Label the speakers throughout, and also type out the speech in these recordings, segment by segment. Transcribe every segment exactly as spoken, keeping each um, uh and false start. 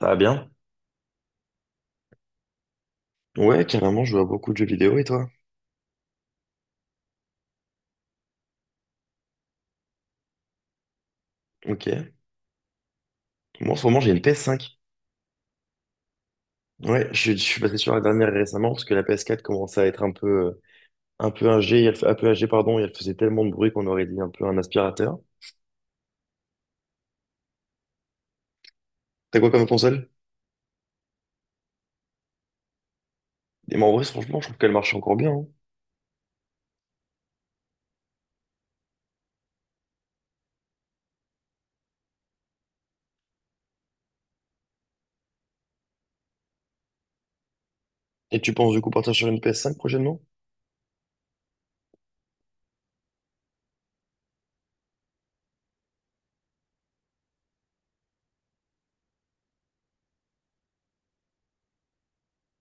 Speaker 1: Ça va bien? Ouais, carrément, je vois beaucoup de jeux vidéo et toi? Ok. Moi, en ce moment, j'ai une P S cinq. Ouais, je, je suis passé sur la dernière récemment parce que la P S quatre commençait à être un peu, euh, un peu âgée, et elle, f- un peu âgée, pardon, et elle faisait tellement de bruit qu'on aurait dit un peu un aspirateur. T'as quoi comme console? Et mais en vrai, franchement, je trouve qu'elle marche encore bien, hein. Et tu penses du coup partir sur une P S cinq prochainement?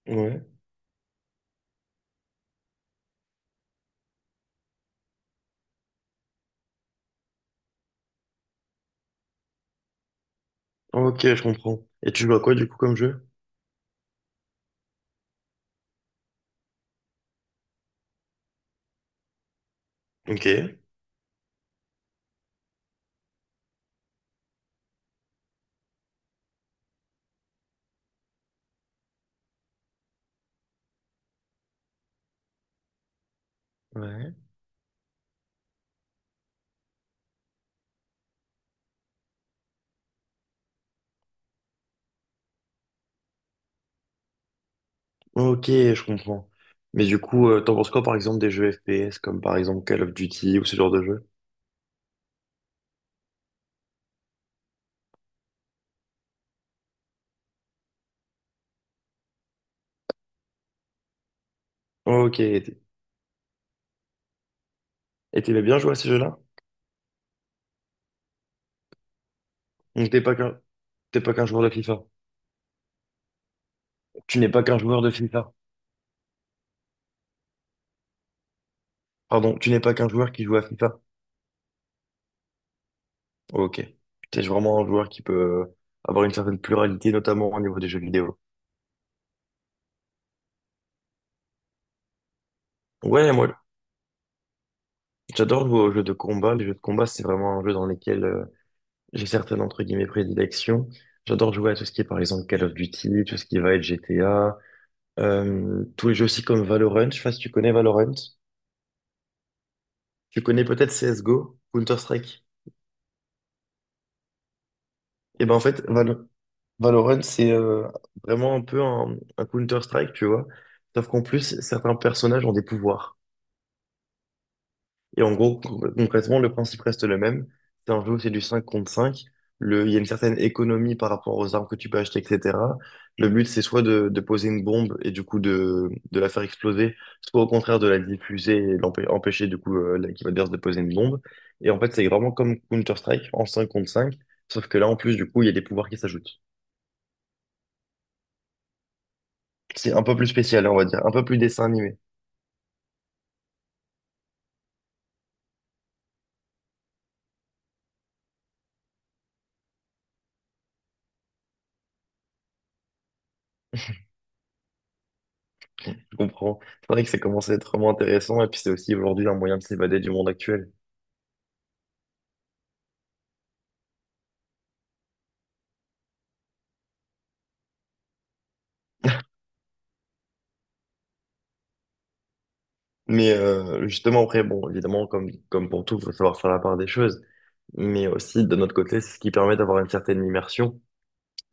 Speaker 1: Ouais. Ok, je comprends. Et tu joues à quoi du coup comme jeu? Ok. Ouais. Ok, je comprends. Mais du coup, euh, t'en penses quoi par exemple des jeux F P S comme par exemple Call of Duty ou ce genre de jeu? Ok. Et t'aimais bien jouer à ces jeux-là? Donc t'es pas qu'un, t'es pas qu'un joueur de FIFA. Tu n'es pas qu'un joueur de FIFA. Pardon, tu n'es pas qu'un joueur qui joue à FIFA. Ok. T'es vraiment un joueur qui peut euh, avoir une certaine pluralité, notamment au niveau des jeux vidéo. Ouais, moi, j'adore jouer aux jeux de combat. Les jeux de combat, c'est vraiment un jeu dans lequel euh, j'ai certaines, entre guillemets, prédilections. J'adore jouer à tout ce qui est, par exemple, Call of Duty, tout ce qui va être G T A, euh, tous les jeux aussi comme Valorant. Je sais pas si tu connais Valorant. Tu connais peut-être C S G O, Counter-Strike. Et ben, en fait, Valorant, Valorant, c'est euh, vraiment un peu un, un Counter-Strike, tu vois. Sauf qu'en plus, certains personnages ont des pouvoirs. Et en gros, con- concrètement, le principe reste le même. C'est un jeu où c'est du cinq contre cinq. Le, il y a une certaine économie par rapport aux armes que tu peux acheter, et cetera. Le but, c'est soit de, de poser une bombe et du coup de, de la faire exploser, soit au contraire de la diffuser et l'empê- empêcher du coup euh, l'équipe adverse de poser une bombe. Et en fait, c'est vraiment comme Counter-Strike en cinq contre cinq. Sauf que là, en plus, du coup, il y a des pouvoirs qui s'ajoutent. C'est un peu plus spécial, on va dire, un peu plus dessin animé. Je comprends. C'est vrai que ça commence à être vraiment intéressant et puis c'est aussi aujourd'hui un moyen de s'évader du monde actuel. Mais euh, justement, après, bon, évidemment, comme, comme pour tout, il faut savoir faire la part des choses. Mais aussi, de notre côté, c'est ce qui permet d'avoir une certaine immersion.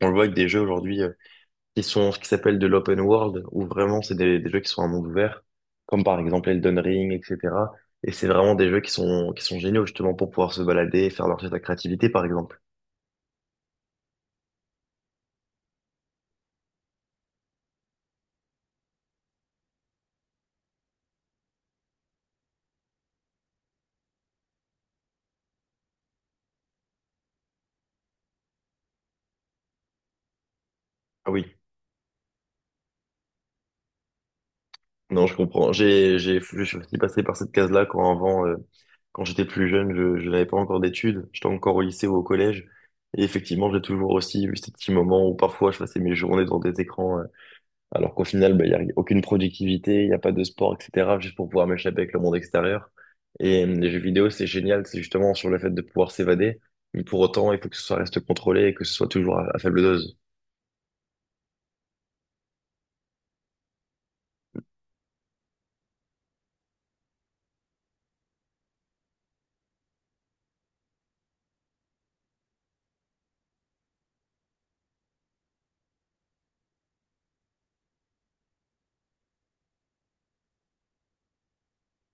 Speaker 1: On le voit avec des jeux aujourd'hui euh, qui sont ce qui s'appelle de l'open world, où vraiment, c'est des, des jeux qui sont un monde ouvert, comme par exemple Elden Ring, et cetera. Et c'est vraiment des jeux qui sont, qui sont géniaux, justement, pour pouvoir se balader et faire marcher ta créativité, par exemple. Ah oui. Non, je comprends. J'ai, j'ai, je suis aussi passé par cette case-là quand avant, euh, quand j'étais plus jeune, je, je n'avais pas encore d'études. J'étais encore au lycée ou au collège. Et effectivement, j'ai toujours aussi eu ces petits moments où parfois je passais mes journées devant des écrans, euh, alors qu'au final, bah, il n'y a aucune productivité, il n'y a pas de sport, et cetera, juste pour pouvoir m'échapper avec le monde extérieur. Et euh, les jeux vidéo, c'est génial, c'est justement sur le fait de pouvoir s'évader. Mais pour autant, il faut que ce soit reste contrôlé et que ce soit toujours à à faible dose.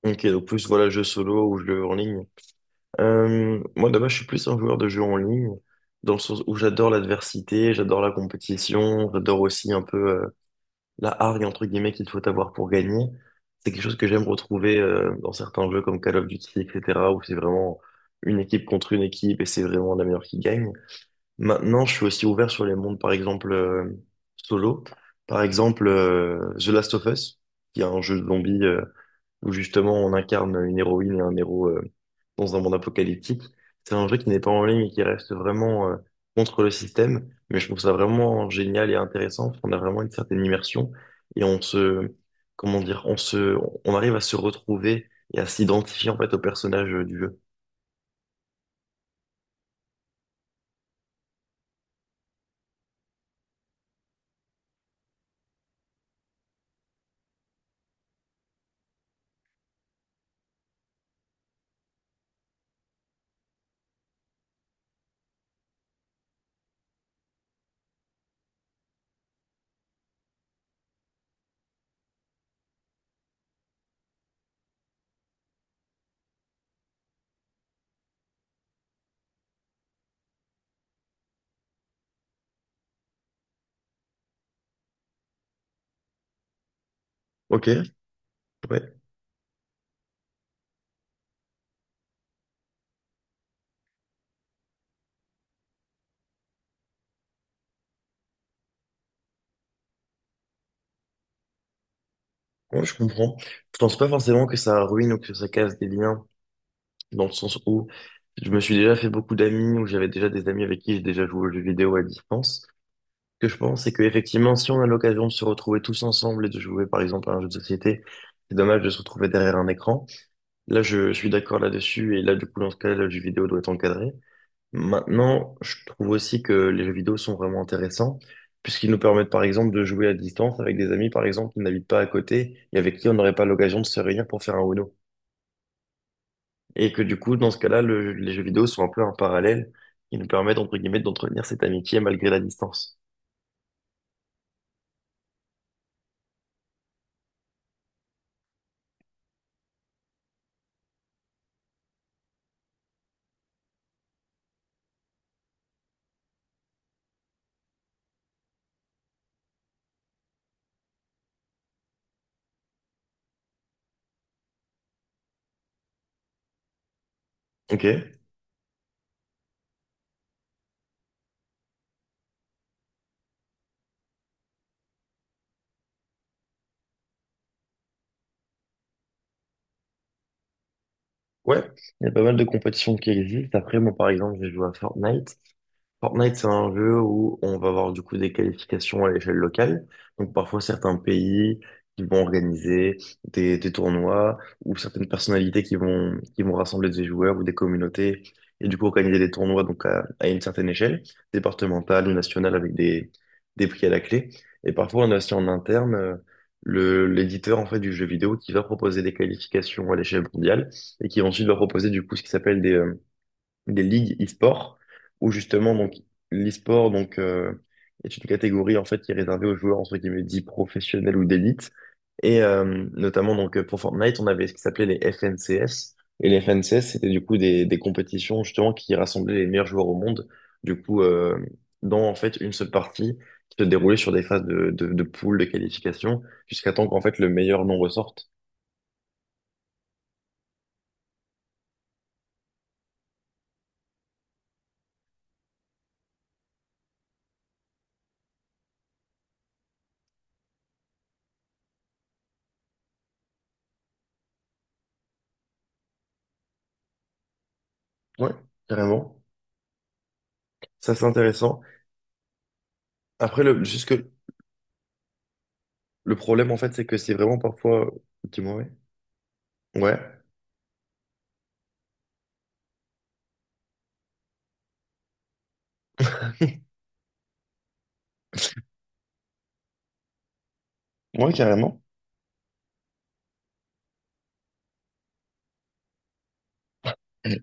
Speaker 1: Ok, donc plus voilà jeu solo ou jeu en ligne. Euh, moi, de base, je suis plus un joueur de jeux en ligne, dans le sens où j'adore l'adversité, j'adore la compétition, j'adore aussi un peu euh, la hargne, entre guillemets, qu'il faut avoir pour gagner. C'est quelque chose que j'aime retrouver euh, dans certains jeux comme Call of Duty, et cetera, où c'est vraiment une équipe contre une équipe et c'est vraiment la meilleure qui gagne. Maintenant, je suis aussi ouvert sur les mondes, par exemple, euh, solo. Par exemple, euh, The Last of Us, qui est un jeu de zombies euh, où justement on incarne une héroïne et un héros euh, dans un monde apocalyptique. C'est un jeu qui n'est pas en ligne et qui reste vraiment euh, contre le système, mais je trouve ça vraiment génial et intéressant. On a vraiment une certaine immersion et on se, comment dire, on se, on arrive à se retrouver et à s'identifier en fait au personnage euh, du jeu. Ok, ouais, ouais, je comprends. Je pense pas forcément que ça ruine ou que ça casse des liens, dans le sens où je me suis déjà fait beaucoup d'amis, ou j'avais déjà des amis avec qui j'ai déjà joué aux jeux vidéo à distance. Que je pense, c'est qu'effectivement, si on a l'occasion de se retrouver tous ensemble et de jouer, par exemple, à un jeu de société, c'est dommage de se retrouver derrière un écran. Là, je, je suis d'accord là-dessus, et là, du coup, dans ce cas-là, le jeu vidéo doit être encadré. Maintenant, je trouve aussi que les jeux vidéo sont vraiment intéressants, puisqu'ils nous permettent, par exemple, de jouer à distance avec des amis, par exemple, qui n'habitent pas à côté et avec qui on n'aurait pas l'occasion de se réunir pour faire un Uno. Et que, du coup, dans ce cas-là, le- les jeux vidéo sont un peu un parallèle qui nous permettent, entre guillemets, d'entretenir cette amitié malgré la distance. Ok. Ouais, il y a pas mal de compétitions qui existent. Après, moi, par exemple, j'ai joué à Fortnite. Fortnite, c'est un jeu où on va avoir du coup des qualifications à l'échelle locale. Donc parfois certains pays qui vont organiser des, des tournois ou certaines personnalités qui vont, qui vont rassembler des joueurs ou des communautés et du coup organiser des tournois donc à, à une certaine échelle, départementale ou nationale avec des, des prix à la clé. Et parfois on a aussi en interne euh, le, l'éditeur en fait du jeu vidéo qui va proposer des qualifications à l'échelle mondiale et qui ensuite va proposer du coup ce qui s'appelle des, euh, des ligues e-sport. Où justement donc l'e-sport donc euh, est une catégorie en fait qui est réservée aux joueurs entre guillemets dits professionnels ou d'élite. Et euh, notamment donc euh, pour Fortnite on avait ce qui s'appelait les F N C S, et les F N C S c'était du coup des, des compétitions justement qui rassemblaient les meilleurs joueurs au monde, du coup euh, dans en fait une seule partie qui se déroulait sur des phases de de, de poules de qualification jusqu'à temps qu'en fait le meilleur nombre sorte. Ouais, carrément. Ça c'est intéressant, après le jusque. Le problème, en fait, c'est que c'est vraiment parfois. Dis-moi, ouais. Ouais, ouais, carrément.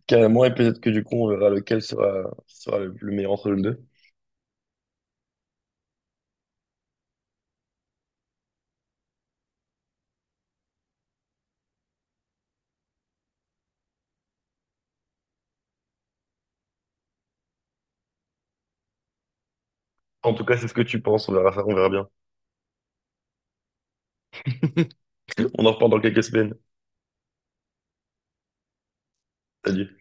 Speaker 1: Carrément, et peut-être que du coup, on verra lequel sera, sera le, le meilleur entre les deux. En tout cas, c'est ce que tu penses, on verra ça, on verra bien. On en reparle dans quelques semaines. Salut.